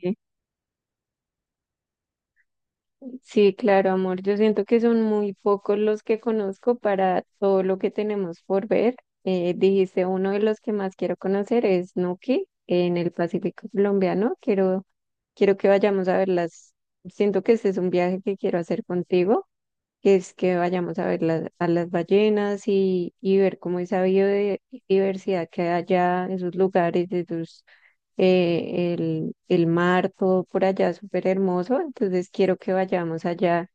Sí, sí, claro, amor. Yo siento que son muy pocos los que conozco para todo lo que tenemos por ver. Dijiste, uno de los que más quiero conocer es Nuki en el Pacífico colombiano. Quiero que vayamos a verlas. Siento que ese es un viaje que quiero hacer contigo, que es que vayamos a ver las, a las ballenas, y ver cómo esa biodiversidad que hay allá, esos lugares, el mar, todo por allá súper hermoso. Entonces quiero que vayamos allá.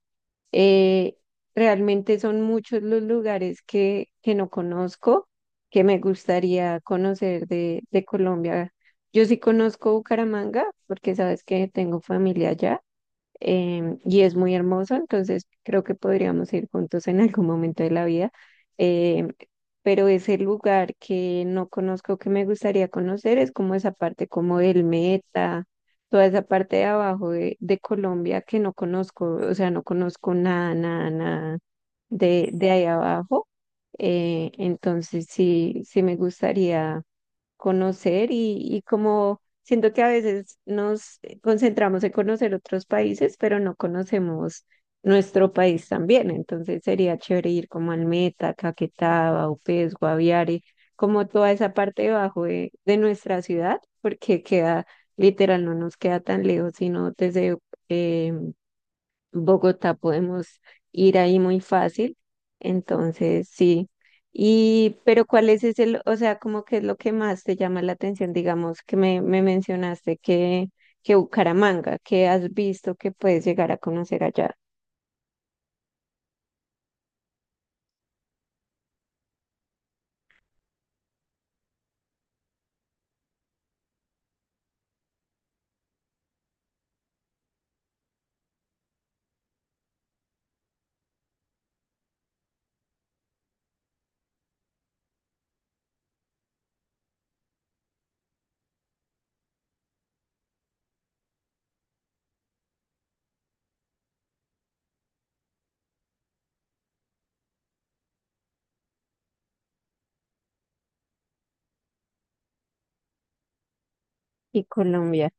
Eh, Realmente son muchos los lugares que no conozco, que me gustaría conocer de Colombia. Yo sí conozco Bucaramanga porque sabes que tengo familia allá, y es muy hermoso, entonces creo que podríamos ir juntos en algún momento de la vida. em, pero ese lugar que no conozco, que me gustaría conocer, es como esa parte como del Meta, toda esa parte de abajo de Colombia que no conozco, o sea, no conozco nada, nada, nada de, de ahí abajo. Entonces sí, sí me gustaría conocer, y como siento que a veces nos concentramos en conocer otros países, pero no conocemos nuestro país también. Entonces sería chévere ir como Almeta, Caquetá, Vaupés, Guaviare, como toda esa parte de abajo de nuestra ciudad, porque queda, literal, no nos queda tan lejos, sino desde eh, Bogotá podemos ir ahí muy fácil, entonces sí. Y, pero ¿cuál es ese, o sea, como que es lo que más te llama la atención, digamos, que me mencionaste que Bucaramanga, que has visto que puedes llegar a conocer allá y Colombia?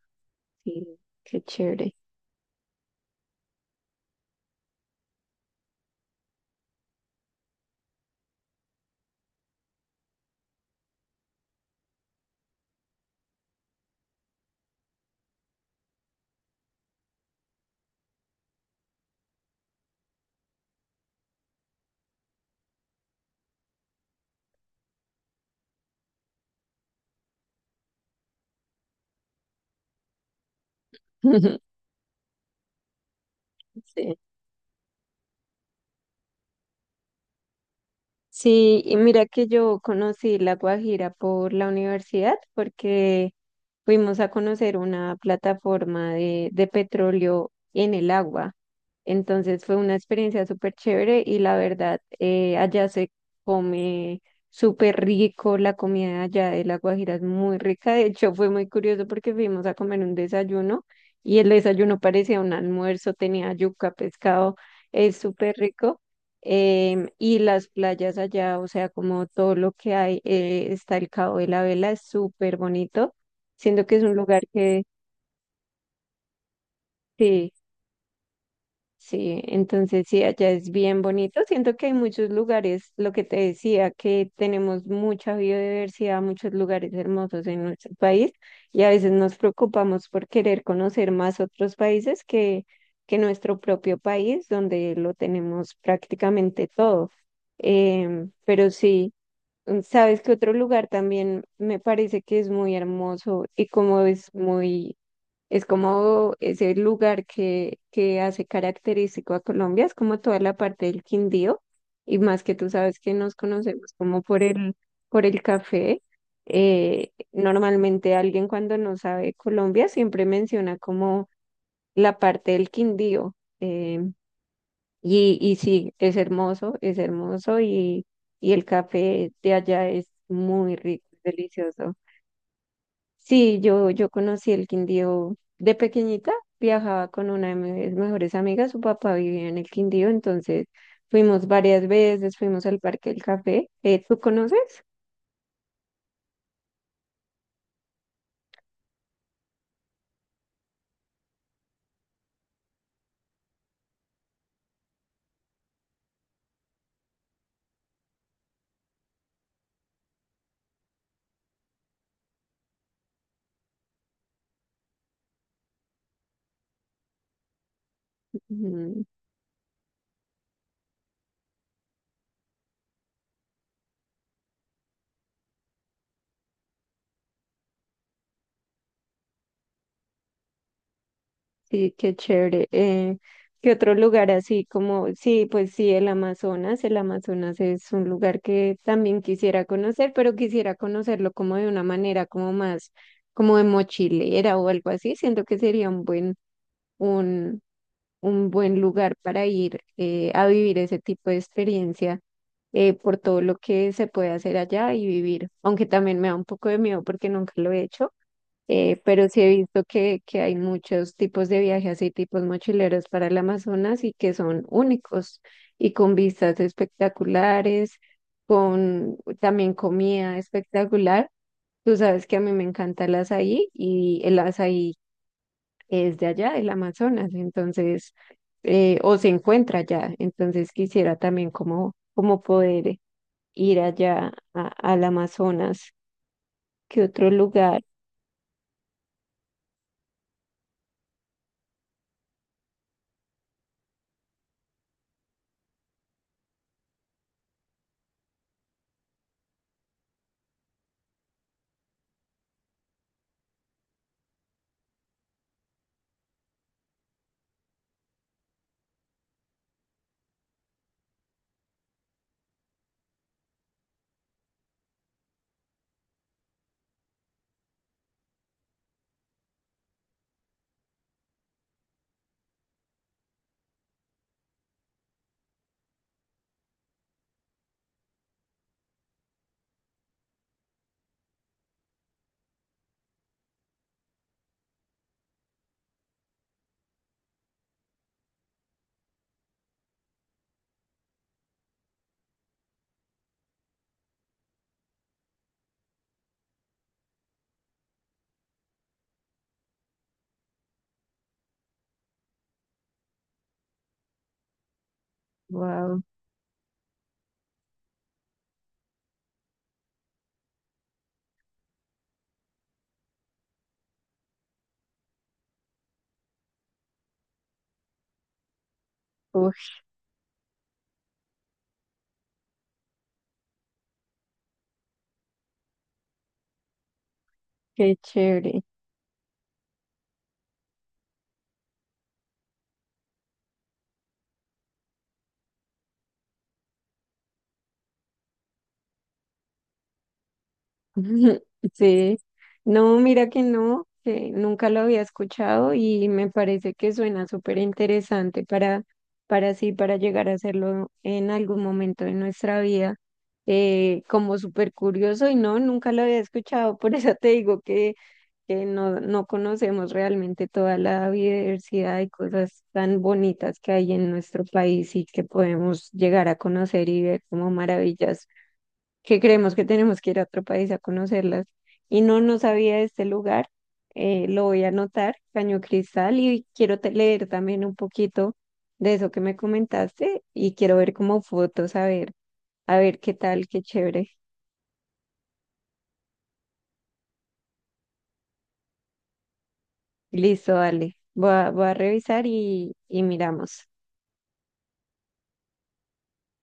Sí, qué chévere. Sí. Sí, y mira que yo conocí La Guajira por la universidad porque fuimos a conocer una plataforma de petróleo en el agua. Entonces fue una experiencia súper chévere y la verdad, allá se come súper rico, la comida allá de La Guajira es muy rica. De hecho, fue muy curioso porque fuimos a comer un desayuno y el desayuno parecía un almuerzo, tenía yuca, pescado, es súper rico, y las playas allá, o sea, como todo lo que hay, está el Cabo de la Vela, es súper bonito, siento que es un lugar que, sí, sí, entonces sí, allá es bien bonito, siento que hay muchos lugares, lo que te decía, que tenemos mucha biodiversidad, muchos lugares hermosos en nuestro país, y a veces nos preocupamos por querer conocer más otros países que nuestro propio país, donde lo tenemos prácticamente todo. Pero sí. Sabes que otro lugar también me parece que es muy hermoso y como es muy, es como ese lugar que hace característico a Colombia, es como toda la parte del Quindío, y más que tú sabes que nos conocemos como por el café. Normalmente alguien cuando no sabe Colombia siempre menciona como la parte del Quindío. Y, y sí, es hermoso, es hermoso, y el café de allá es muy rico, delicioso. Sí, yo conocí el Quindío de pequeñita, viajaba con una de mis mejores amigas, su papá vivía en el Quindío, entonces fuimos varias veces, fuimos al Parque del Café. Tú conoces? Ujú. Sí, qué chévere. ¿Qué otro lugar así como, sí, pues sí, el Amazonas? El Amazonas es un lugar que también quisiera conocer, pero quisiera conocerlo como de una manera como más, como de mochilera o algo así. Siento que sería un, un buen lugar para ir, a vivir ese tipo de experiencia, por todo lo que se puede hacer allá y vivir. Aunque también me da un poco de miedo porque nunca lo he hecho. Pero sí he visto que hay muchos tipos de viajes y tipos mochileros para el Amazonas y que son únicos y con vistas espectaculares, con también comida espectacular. Tú sabes que a mí me encanta el azaí, y el azaí es de allá, el Amazonas, entonces, o se encuentra allá. Entonces quisiera también como, como poder ir allá al Amazonas. ¿Qué otro lugar? Wow, qué chévere. Sí, no, mira que no, que nunca lo había escuchado y me parece que suena súper interesante para sí, para llegar a hacerlo en algún momento de nuestra vida, como súper curioso, y no, nunca lo había escuchado, por eso te digo que no, no conocemos realmente toda la diversidad y cosas tan bonitas que hay en nuestro país y que podemos llegar a conocer y ver como maravillas que creemos que tenemos que ir a otro país a conocerlas. Y no, no sabía de este lugar, lo voy a anotar, Caño Cristal, y quiero leer también un poquito de eso que me comentaste, y quiero ver como fotos, a ver qué tal, qué chévere. Listo, dale. Voy a, voy a revisar y miramos.